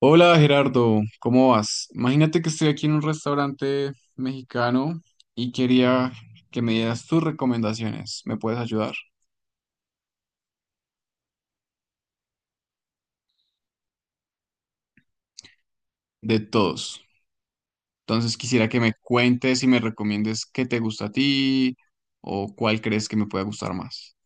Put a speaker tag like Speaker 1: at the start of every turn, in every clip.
Speaker 1: Hola Gerardo, ¿cómo vas? Imagínate que estoy aquí en un restaurante mexicano y quería que me dieras tus recomendaciones. ¿Me puedes ayudar? De todos. Entonces quisiera que me cuentes y me recomiendes qué te gusta a ti o cuál crees que me pueda gustar más.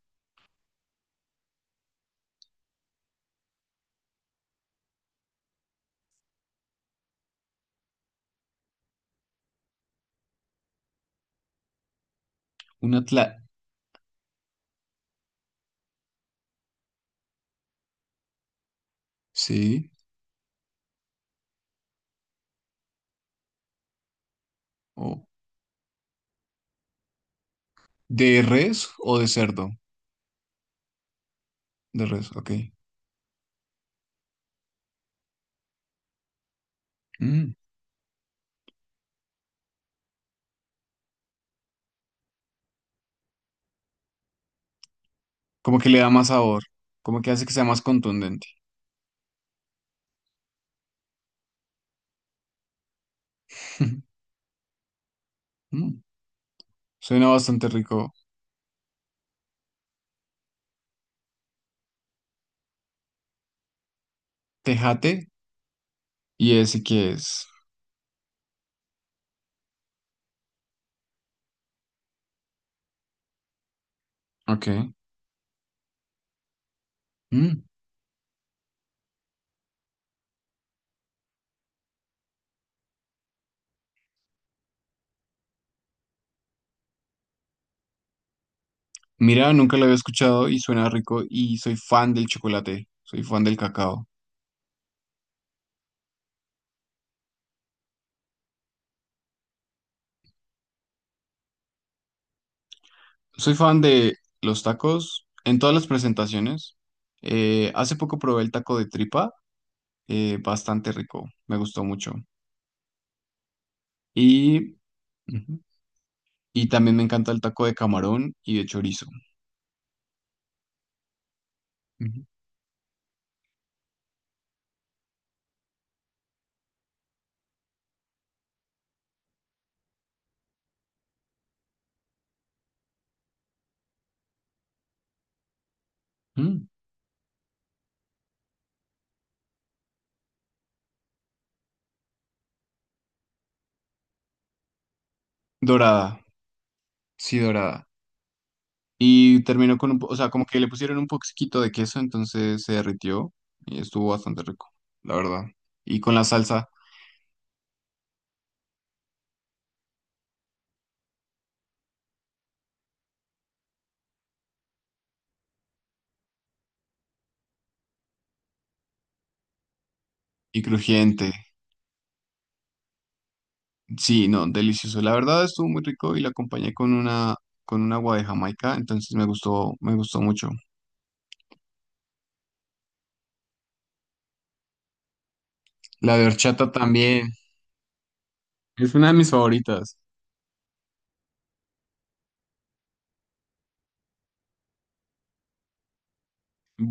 Speaker 1: Una tla... Sí. O ¿de res o de cerdo? De res, ok. Mm. Como que le da más sabor, como que hace que sea más contundente. Mm, suena bastante rico. Tejate y ese que es. Ok. Mm. Mira, nunca lo había escuchado y suena rico, y soy fan del chocolate, soy fan del cacao, soy fan de los tacos en todas las presentaciones. Hace poco probé el taco de tripa, bastante rico, me gustó mucho. Y ujú, y también me encanta el taco de camarón y de chorizo. Ujú. Mm. Dorada, sí, dorada. Y terminó con un, o sea, como que le pusieron un poquito de queso, entonces se derritió y estuvo bastante rico, la verdad. Y con la salsa y crujiente. Sí, no, delicioso. La verdad estuvo muy rico y la acompañé con una, con un agua de Jamaica, entonces me gustó mucho. La de horchata también. Es una de mis favoritas.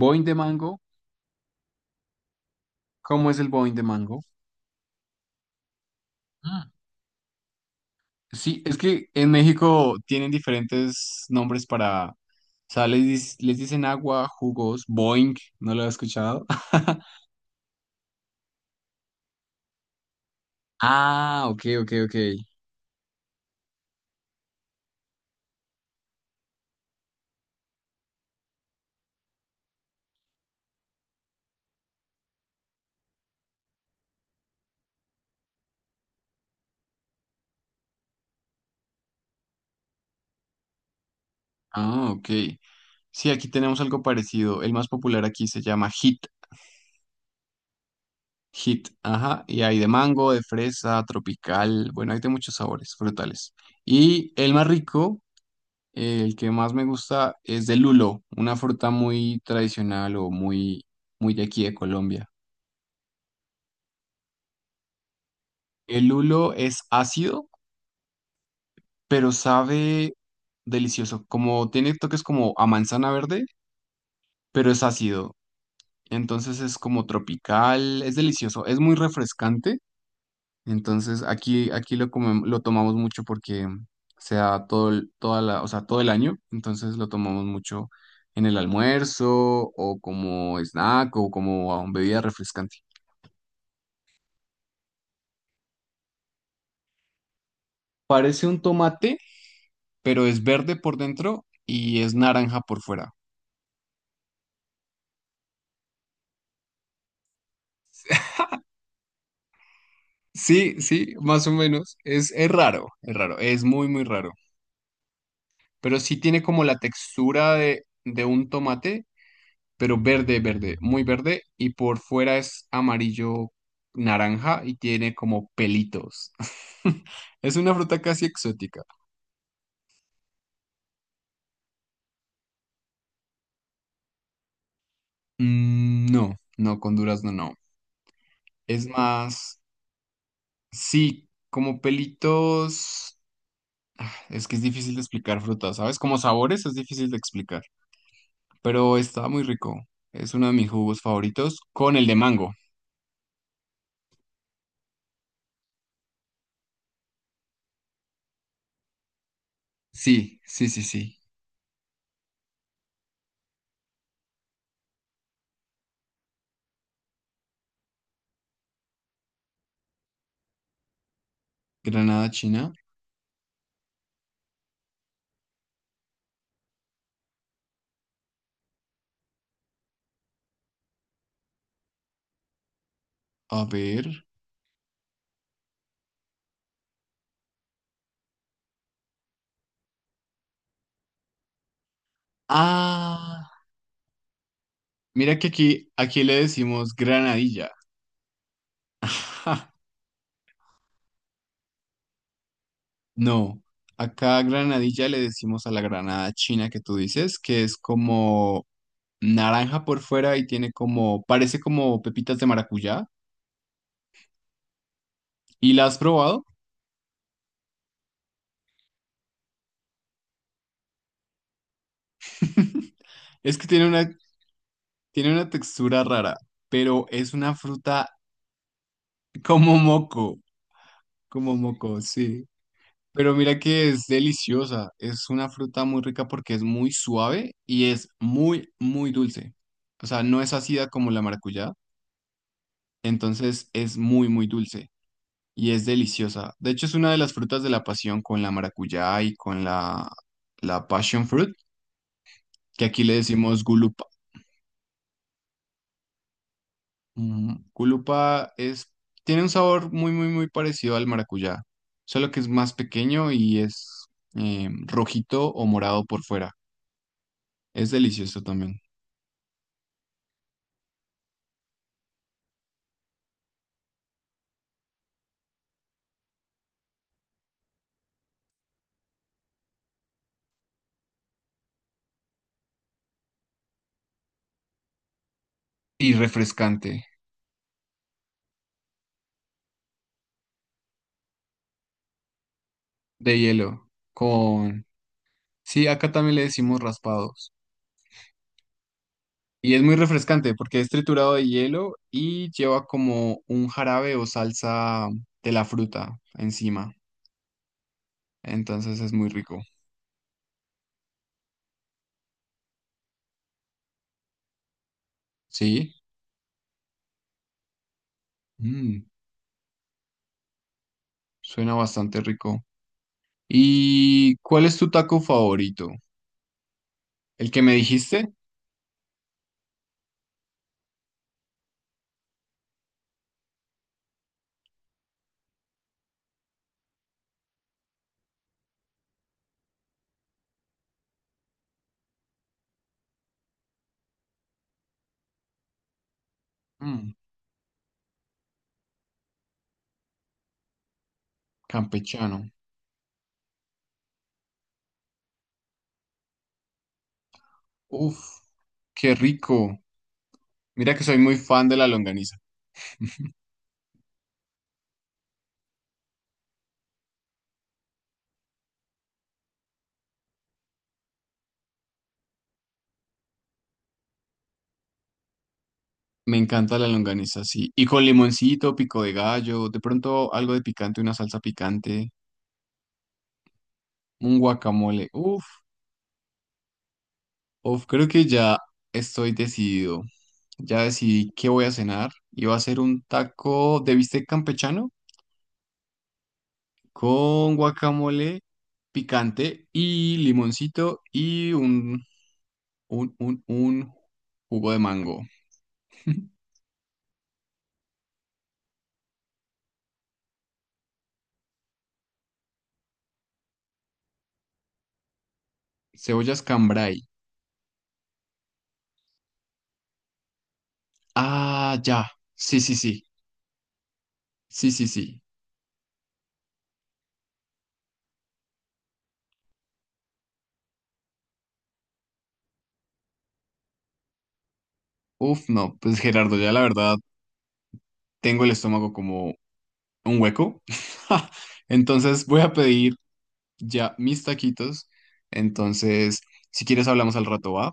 Speaker 1: Boing de mango. ¿Cómo es el boing de mango? Sí, es que en México tienen diferentes nombres para, o sea, les, les dicen agua, jugos, boing, ¿no lo he escuchado? Ah, ok, ok, ok. Ah, ok. Sí, aquí tenemos algo parecido. El más popular aquí se llama hit, hit, ajá. Y hay de mango, de fresa, tropical, bueno, hay de muchos sabores frutales. Y el más rico, el que más me gusta, es de lulo, una fruta muy tradicional o muy, muy de aquí de Colombia. El lulo es ácido, pero sabe delicioso. Como tiene toques como a manzana verde, pero es ácido. Entonces es como tropical, es delicioso, es muy refrescante. Entonces aquí, aquí lo lo tomamos mucho porque sea todo el, toda la, o sea, todo el año. Entonces lo tomamos mucho en el almuerzo o como snack o como bebida refrescante. Parece un tomate, pero es verde por dentro y es naranja por fuera. Sí, sí, más o menos. Es raro, es raro, es muy, muy raro. Pero sí tiene como la textura de un tomate, pero verde, verde, muy verde. Y por fuera es amarillo naranja y tiene como pelitos. Es una fruta casi exótica. Mm, no, no, con durazno no. Es más, sí, como pelitos. Es que es difícil de explicar frutas, ¿sabes? Como sabores es difícil de explicar, pero está muy rico. Es uno de mis jugos favoritos con el de mango. Sí, sí, sí, sí. Granada china. A ver. Ah, mira que aquí, aquí le decimos granadilla. No, acá granadilla le decimos a la granada china que tú dices, que es como naranja por fuera y tiene como, parece como pepitas de maracuyá. ¿Y la has probado? Es que tiene una textura rara, pero es una fruta como moco. Como moco, sí. Pero mira que es deliciosa. Es una fruta muy rica porque es muy suave y es muy, muy dulce. O sea, no es ácida como la maracuyá. Entonces es muy, muy dulce y es deliciosa. De hecho, es una de las frutas de la pasión con la maracuyá y con la, la passion fruit, que aquí le decimos gulupa. Mm, gulupa es, tiene un sabor muy, muy, muy parecido al maracuyá, solo que es más pequeño y es rojito o morado por fuera. Es delicioso también. Y refrescante, de hielo, con... Sí, acá también le decimos raspados. Y es muy refrescante porque es triturado de hielo y lleva como un jarabe o salsa de la fruta encima. Entonces es muy rico. Sí, mm, suena bastante rico. ¿Y cuál es tu taco favorito? ¿El que me dijiste? Mm, campechano. Uf, qué rico. Mira que soy muy fan de la longaniza. Me encanta la longaniza, sí. Y con limoncito, pico de gallo, de pronto algo de picante, una salsa picante, un guacamole. Uf, uf, creo que ya estoy decidido. Ya decidí qué voy a cenar. Y va a ser un taco de bistec campechano con guacamole picante y limoncito y un jugo de mango. Cebollas cambray. Ah, ya. Sí, sí, sí. Sí, sí, sí. Uf, no, pues Gerardo, ya la verdad tengo el estómago como un hueco. Entonces voy a pedir ya mis taquitos. Entonces, si quieres hablamos al rato, ¿va?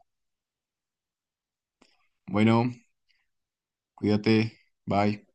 Speaker 1: Bueno, cuídate. Bye.